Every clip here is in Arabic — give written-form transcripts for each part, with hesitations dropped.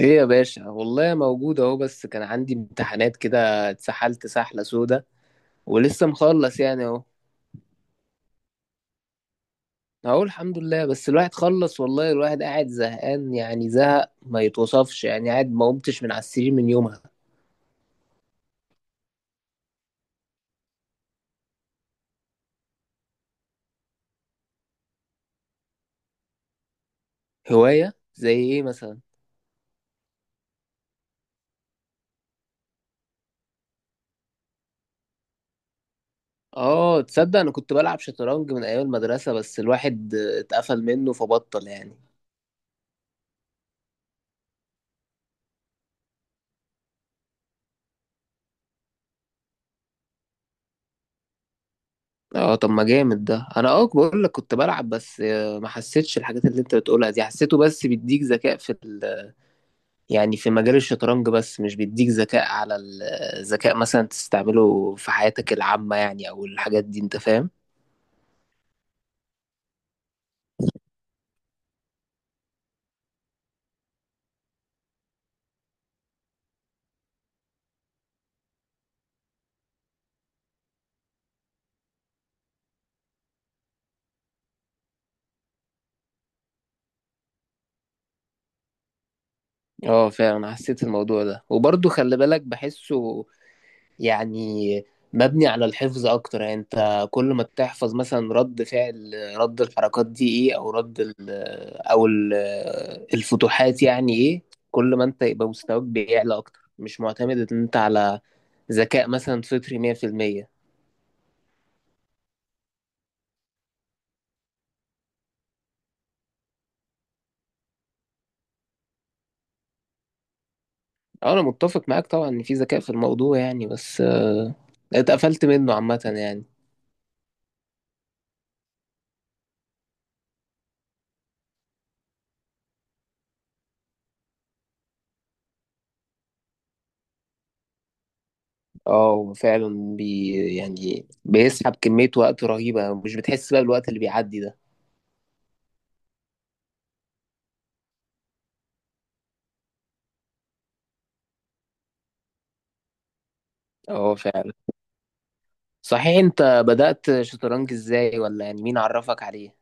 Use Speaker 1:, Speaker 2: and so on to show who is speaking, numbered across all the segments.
Speaker 1: ايه يا باشا، والله موجود اهو. بس كان عندي امتحانات كده، اتسحلت سحلة سودا ولسه مخلص يعني اهو. اهو الحمد لله. بس الواحد خلص والله. الواحد قاعد زهقان يعني، زهق ما يتوصفش يعني. قاعد ما قمتش من على السرير من يومها. هواية زي ايه مثلا؟ اه تصدق انا كنت بلعب شطرنج من ايام المدرسة، بس الواحد اتقفل منه فبطل يعني. اه طب ما جامد ده. انا اه بقول لك كنت بلعب. بس ما حسيتش الحاجات اللي انت بتقولها دي. حسيته بس بيديك ذكاء في يعني في مجال الشطرنج، بس مش بيديك ذكاء على الذكاء مثلا تستعمله في حياتك العامة يعني، أو الحاجات دي. أنت فاهم؟ اه فعلا حسيت الموضوع ده، وبرضه خلي بالك بحسه يعني مبني على الحفظ أكتر. يعني أنت كل ما تحفظ مثلا رد فعل، رد الحركات دي إيه، أو رد ال الفتوحات يعني إيه، كل ما أنت يبقى مستواك بيعلى أكتر، مش معتمد إن أنت على ذكاء مثلا فطري 100%. اه انا متفق معاك طبعا ان في ذكاء في الموضوع يعني. بس اتقفلت منه عامة يعني. اه هو فعلا يعني بيسحب كمية وقت رهيبة. مش بتحس بقى بالوقت اللي بيعدي ده. اه فعلا. صحيح، انت بدأت شطرنج ازاي، ولا يعني مين عرفك عليه؟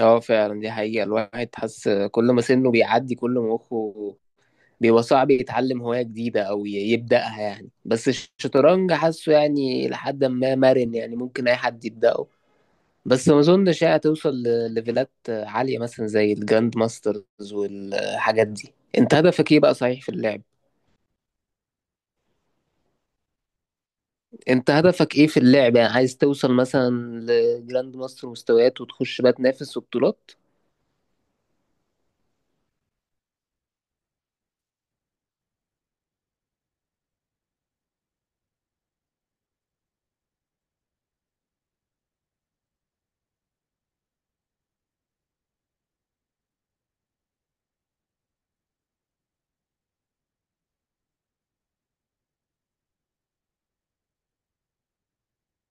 Speaker 1: اه فعلا دي حقيقة. الواحد حس كل ما سنه بيعدي، كل ما مخه بيبقى صعب يتعلم هواية جديدة أو يبدأها يعني. بس الشطرنج حاسه يعني لحد ما مرن، يعني ممكن أي حد يبدأه. بس ما اظنش هي هتوصل لليفلات عالية مثلا زي الجراند ماسترز والحاجات دي. انت هدفك ايه بقى، صحيح، في اللعب؟ انت هدفك ايه في اللعب؟ يعني عايز توصل مثلا لجراند ماستر، مستويات وتخش بقى تنافس وبطولات؟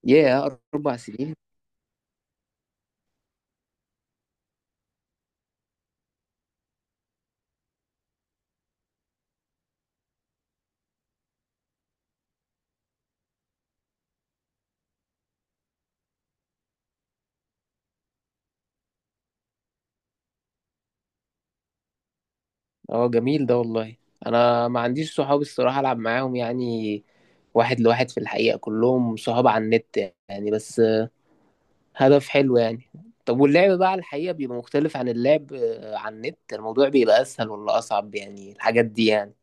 Speaker 1: ياه، اربع سنين. اه جميل ده والله. انا ما عنديش صحاب الصراحة العب معاهم يعني واحد لواحد في الحقيقة. كلهم صحاب على النت يعني. بس هدف حلو يعني. طب واللعب بقى على الحقيقة بيبقى مختلف عن اللعب على النت؟ الموضوع بيبقى أسهل ولا أصعب يعني الحاجات دي يعني؟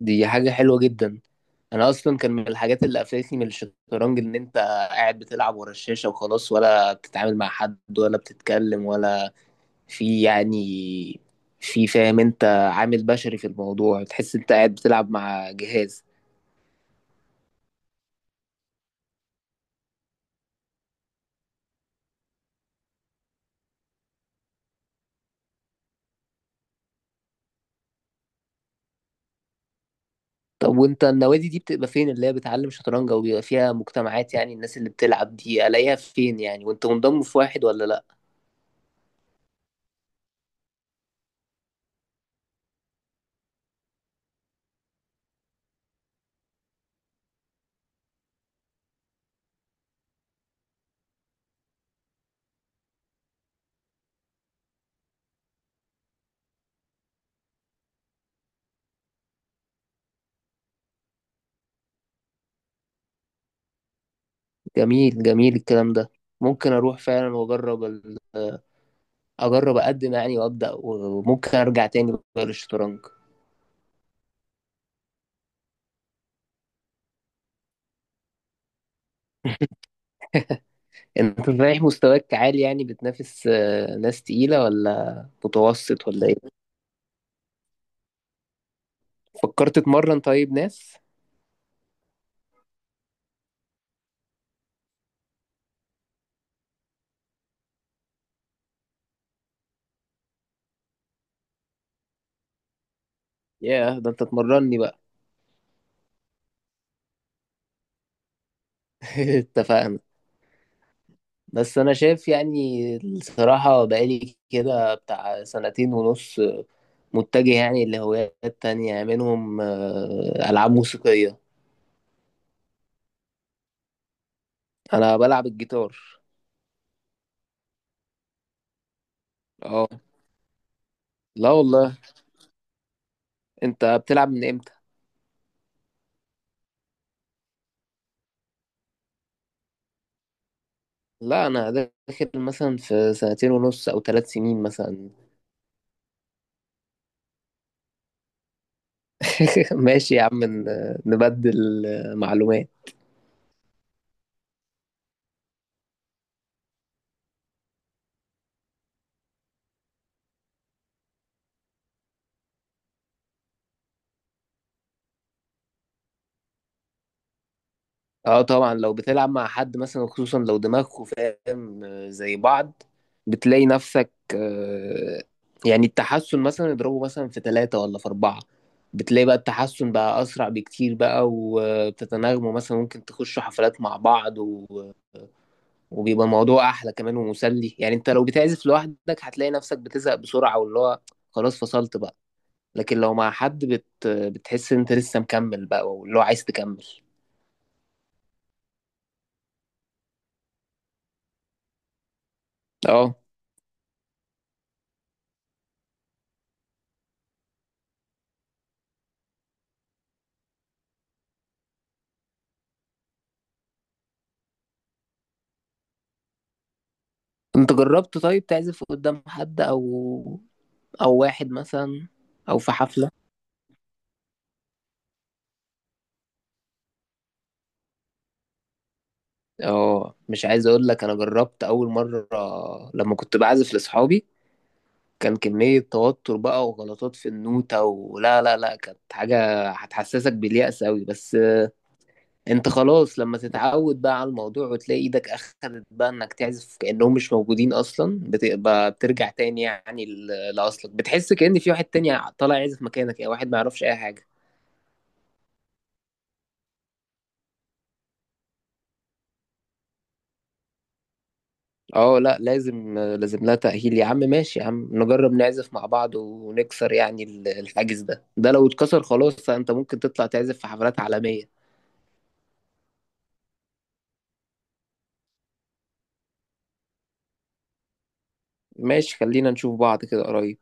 Speaker 1: دي حاجة حلوة جدا. أنا أصلا كان من الحاجات اللي قفلتني من الشطرنج إن أنت قاعد بتلعب ورا الشاشة وخلاص، ولا بتتعامل مع حد، ولا بتتكلم، ولا في يعني، في فاهم، أنت عامل بشري في الموضوع. تحس أنت قاعد بتلعب مع جهاز. طب وانت النوادي دي بتبقى فين، اللي هي بتعلم شطرنج او بيبقى فيها مجتمعات يعني الناس اللي بتلعب دي الاقيها فين يعني؟ وانت منضم في واحد ولا لا؟ جميل جميل الكلام ده. ممكن اروح فعلا واجرب ال... آه، اجرب اقدم يعني وابدا، وممكن ارجع تاني بقى للشطرنج. انت رايح مستواك عالي يعني، بتنافس ناس تقيلة ولا متوسط ولا ايه؟ فكرت تتمرن طيب ناس؟ ياه ده انت تمرني بقى. اتفقنا. بس انا شايف يعني الصراحة بقالي كده بتاع سنتين ونص متجه يعني لهوايات تانية، منهم العاب موسيقية. انا بلعب الجيتار. اه لا والله. انت بتلعب من امتى؟ لا انا داخل مثلا في سنتين ونص او ثلاث سنين مثلا. ماشي يا عم، نبدل معلومات. اه طبعا، لو بتلعب مع حد مثلا، خصوصا لو دماغكوا فاهم زي بعض، بتلاقي نفسك يعني التحسن مثلا اضربه مثلا في ثلاثة ولا في أربعة. بتلاقي بقى التحسن بقى أسرع بكتير بقى، وبتتناغموا، مثلا ممكن تخشوا حفلات مع بعض و... وبيبقى الموضوع أحلى كمان ومسلي يعني. أنت لو بتعزف لوحدك هتلاقي نفسك بتزهق بسرعة، واللي هو خلاص فصلت بقى. لكن لو مع حد بتحس إن أنت لسه مكمل بقى، واللي هو عايز تكمل. اه انت جربت طيب تعزف قدام حد او او واحد مثلا او في حفلة؟ اه مش عايز اقول لك، انا جربت اول مرة لما كنت بعزف لاصحابي، كان كمية توتر بقى وغلطات في النوتة، ولا لا لا، كانت حاجة هتحسسك باليأس أوي. بس انت خلاص لما تتعود بقى على الموضوع، وتلاقي ايدك اخدت بقى انك تعزف كأنهم مش موجودين اصلا، بتبقى بترجع تاني يعني لأصلك. بتحس كأن في واحد تاني طالع يعزف مكانك يعني، واحد ما يعرفش اي حاجة. اه لا لازم لازم لها تأهيل يا عم. ماشي يا عم، نجرب نعزف مع بعض، ونكسر يعني الحاجز ده. ده لو اتكسر خلاص انت ممكن تطلع تعزف في حفلات عالمية. ماشي، خلينا نشوف بعض كده قريب.